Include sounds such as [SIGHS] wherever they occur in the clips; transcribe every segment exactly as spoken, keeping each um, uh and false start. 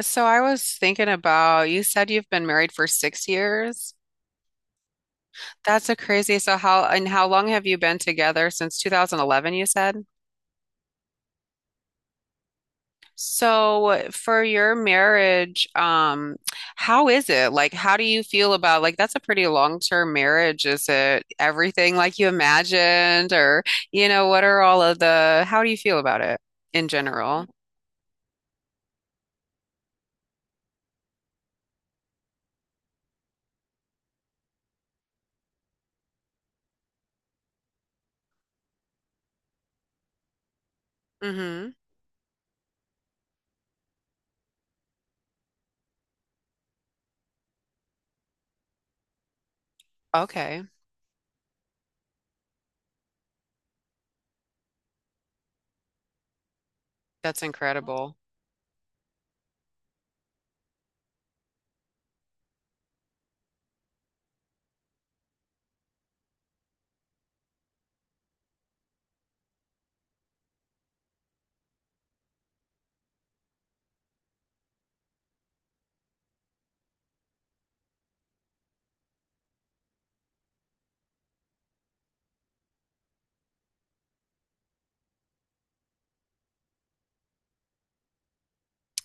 So I was thinking about, you said you've been married for six years. That's a crazy. So how and how long have you been together since two thousand eleven, you said? So for your marriage, um, how is it? Like, how do you feel about like that's a pretty long-term marriage. Is it everything like you imagined? Or you know, what are all of the how do you feel about it in general? Mm-hmm. Okay. That's incredible.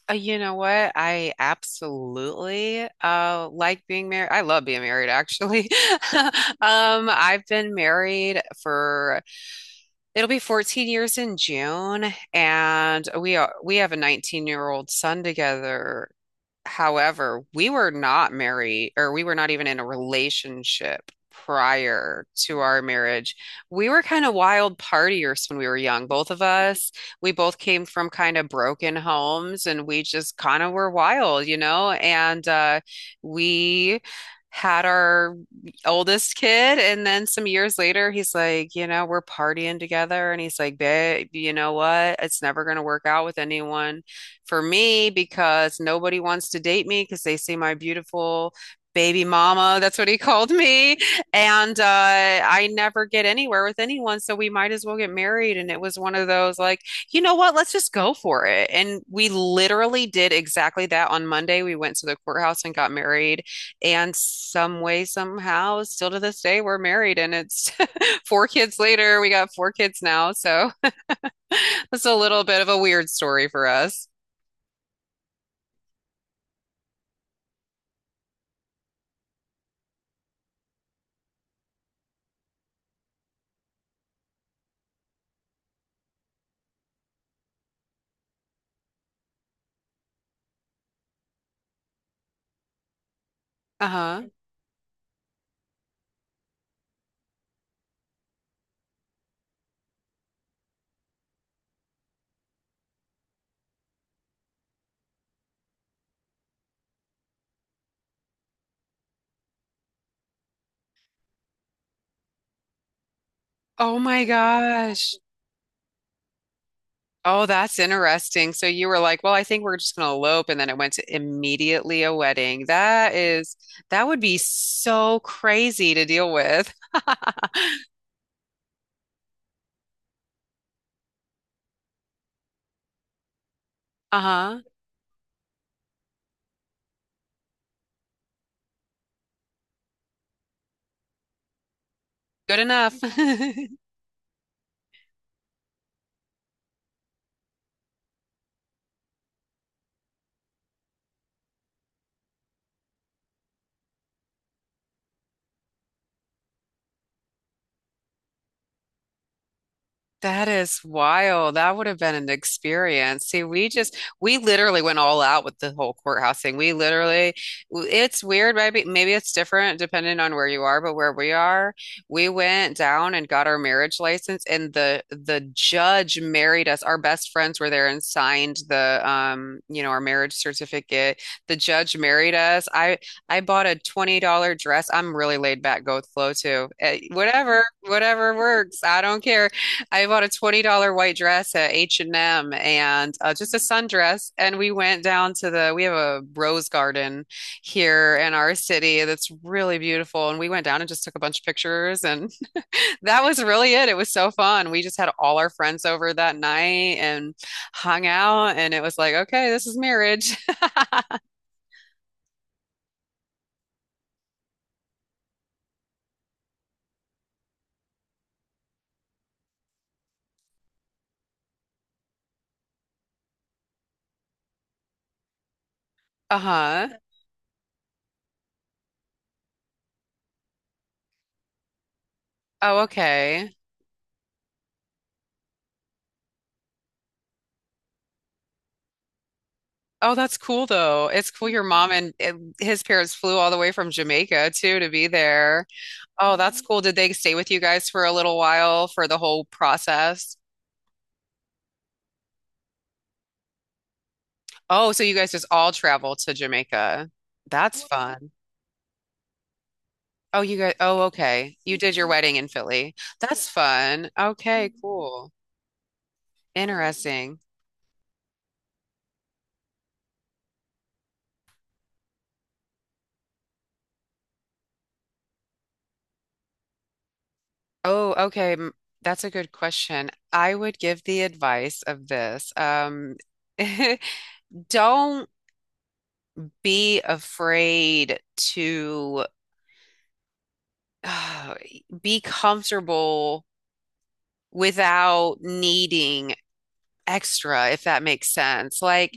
Uh, You know what? I absolutely uh like being married. I love being married actually. [LAUGHS] Um I've been married for it'll be fourteen years in June, and we are we have a nineteen-year-old son together. However, we were not married, or we were not even in a relationship prior to our marriage. We were kind of wild partiers when we were young, both of us. We both came from kind of broken homes, and we just kind of were wild, you know? And uh, we had our oldest kid. And then some years later, he's like, you know, we're partying together, and he's like, babe, you know what, it's never going to work out with anyone for me because nobody wants to date me because they see my beautiful baby mama. That's what he [LAUGHS] called me. And uh, I never get anywhere with anyone. So we might as well get married. And it was one of those like, you know what? Let's just go for it. And we literally did exactly that on Monday. We went to the courthouse and got married. And some way, somehow, still to this day, we're married. And it's [LAUGHS] four kids later. We got four kids now. So [LAUGHS] it's a little bit of a weird story for us. Uh-huh. Oh my gosh. Oh, that's interesting. So you were like, well, I think we're just going to elope. And then it went to immediately a wedding. That is, that would be so crazy to deal with. [LAUGHS] Uh-huh. Good enough. [LAUGHS] That is wild. That would have been an experience. See, we just, we literally went all out with the whole courthouse thing. We literally, it's weird, maybe, maybe it's different depending on where you are, but where we are, we went down and got our marriage license, and the the judge married us. Our best friends were there and signed the, um, you know, our marriage certificate. The judge married us. I I bought a twenty dollars dress. I'm really laid back, go with flow too. Eh, whatever, whatever works. I don't care. I bought a twenty dollars white dress at H and M and M and uh, just a sundress. And we went down to the, we have a rose garden here in our city that's really beautiful. And we went down and just took a bunch of pictures. And [LAUGHS] that was really it. It was so fun. We just had all our friends over that night and hung out. And it was like, okay, this is marriage. [LAUGHS] Uh-huh. Oh, okay. Oh, that's cool though. It's cool your mom and, and his parents flew all the way from Jamaica too to be there. Oh, that's cool. Did they stay with you guys for a little while for the whole process? Oh, so you guys just all traveled to Jamaica. That's fun. Oh, you guys, oh, okay. You did your wedding in Philly. That's fun. Okay, cool. Interesting. Oh, okay. m- That's a good question. I would give the advice of this. Um, [LAUGHS] don't be afraid to [SIGHS] uh, be comfortable without needing extra, if that makes sense. Like,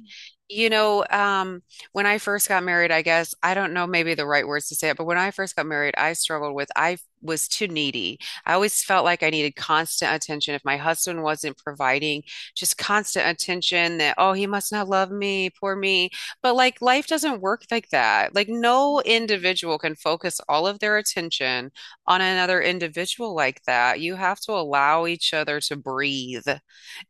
you know, um, when I first got married, I guess, I don't know maybe the right words to say it, but when I first got married, I struggled with, I was too needy. I always felt like I needed constant attention. If my husband wasn't providing just constant attention, that, oh, he must not love me, poor me. But like life doesn't work like that. Like no individual can focus all of their attention on another individual like that. You have to allow each other to breathe.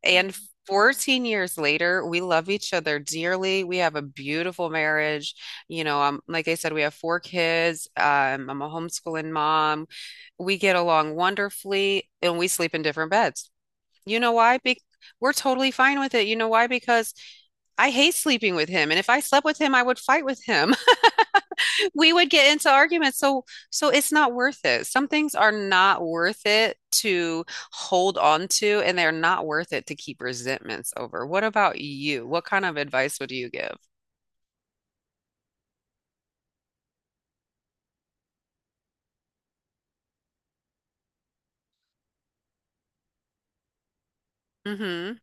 And fourteen years later, we love each other dearly. We have a beautiful marriage. You know, um, like I said, we have four kids. Um, I'm a homeschooling mom. We get along wonderfully and we sleep in different beds. You know why? Be We're totally fine with it. You know why? Because I hate sleeping with him. And if I slept with him, I would fight with him. [LAUGHS] We would get into arguments. So, so it's not worth it. Some things are not worth it to hold on to, and they're not worth it to keep resentments over. What about you? What kind of advice would you give? Mm-hmm.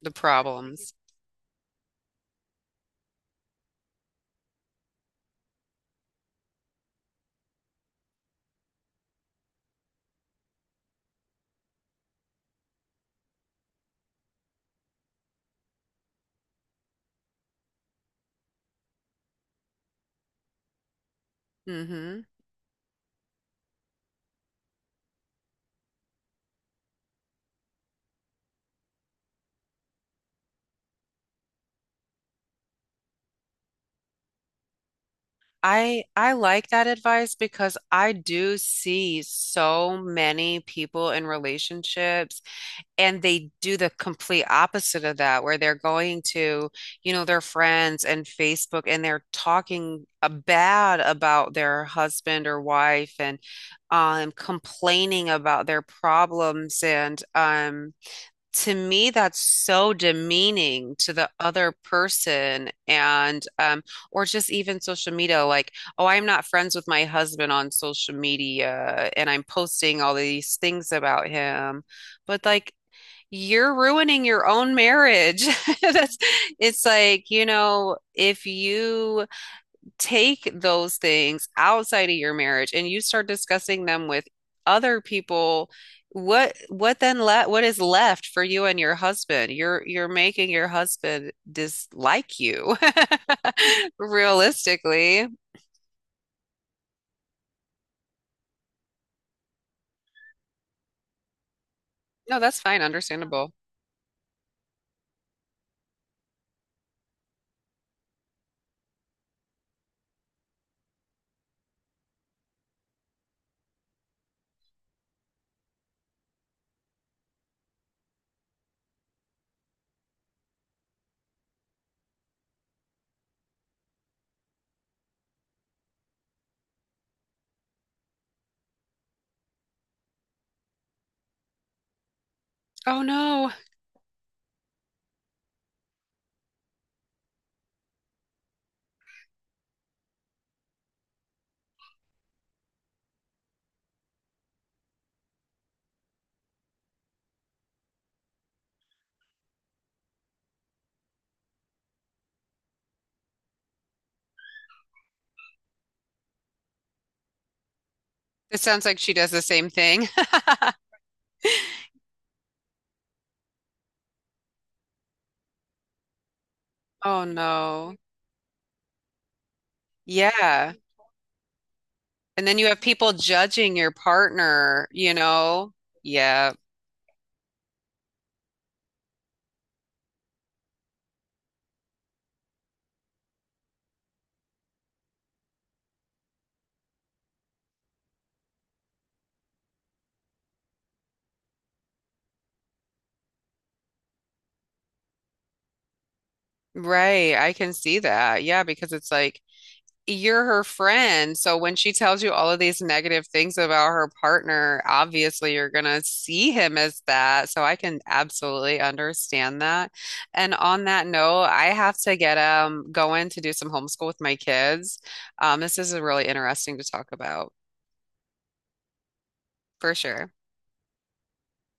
The problems. Mm-hmm. I I like that advice because I do see so many people in relationships, and they do the complete opposite of that, where they're going to, you know, their friends and Facebook, and they're talking uh, bad about their husband or wife and um, complaining about their problems. And um, to me, that's so demeaning to the other person. And, um, or just even social media, like, oh, I'm not friends with my husband on social media and I'm posting all these things about him. But like, you're ruining your own marriage. [LAUGHS] That's, it's like, you know, if you take those things outside of your marriage and you start discussing them with other people, what what then le what is left for you and your husband? You're you're making your husband dislike you. [LAUGHS] Realistically. No, that's fine, understandable. Oh no. It sounds like she does the same thing. [LAUGHS] Oh no. Yeah. And then you have people judging your partner, you know? Yeah, right. I can see that. Yeah, because it's like you're her friend. So when she tells you all of these negative things about her partner, obviously you're going to see him as that. So I can absolutely understand that. And on that note, I have to get um going to do some homeschool with my kids. Um, this is really interesting to talk about for sure.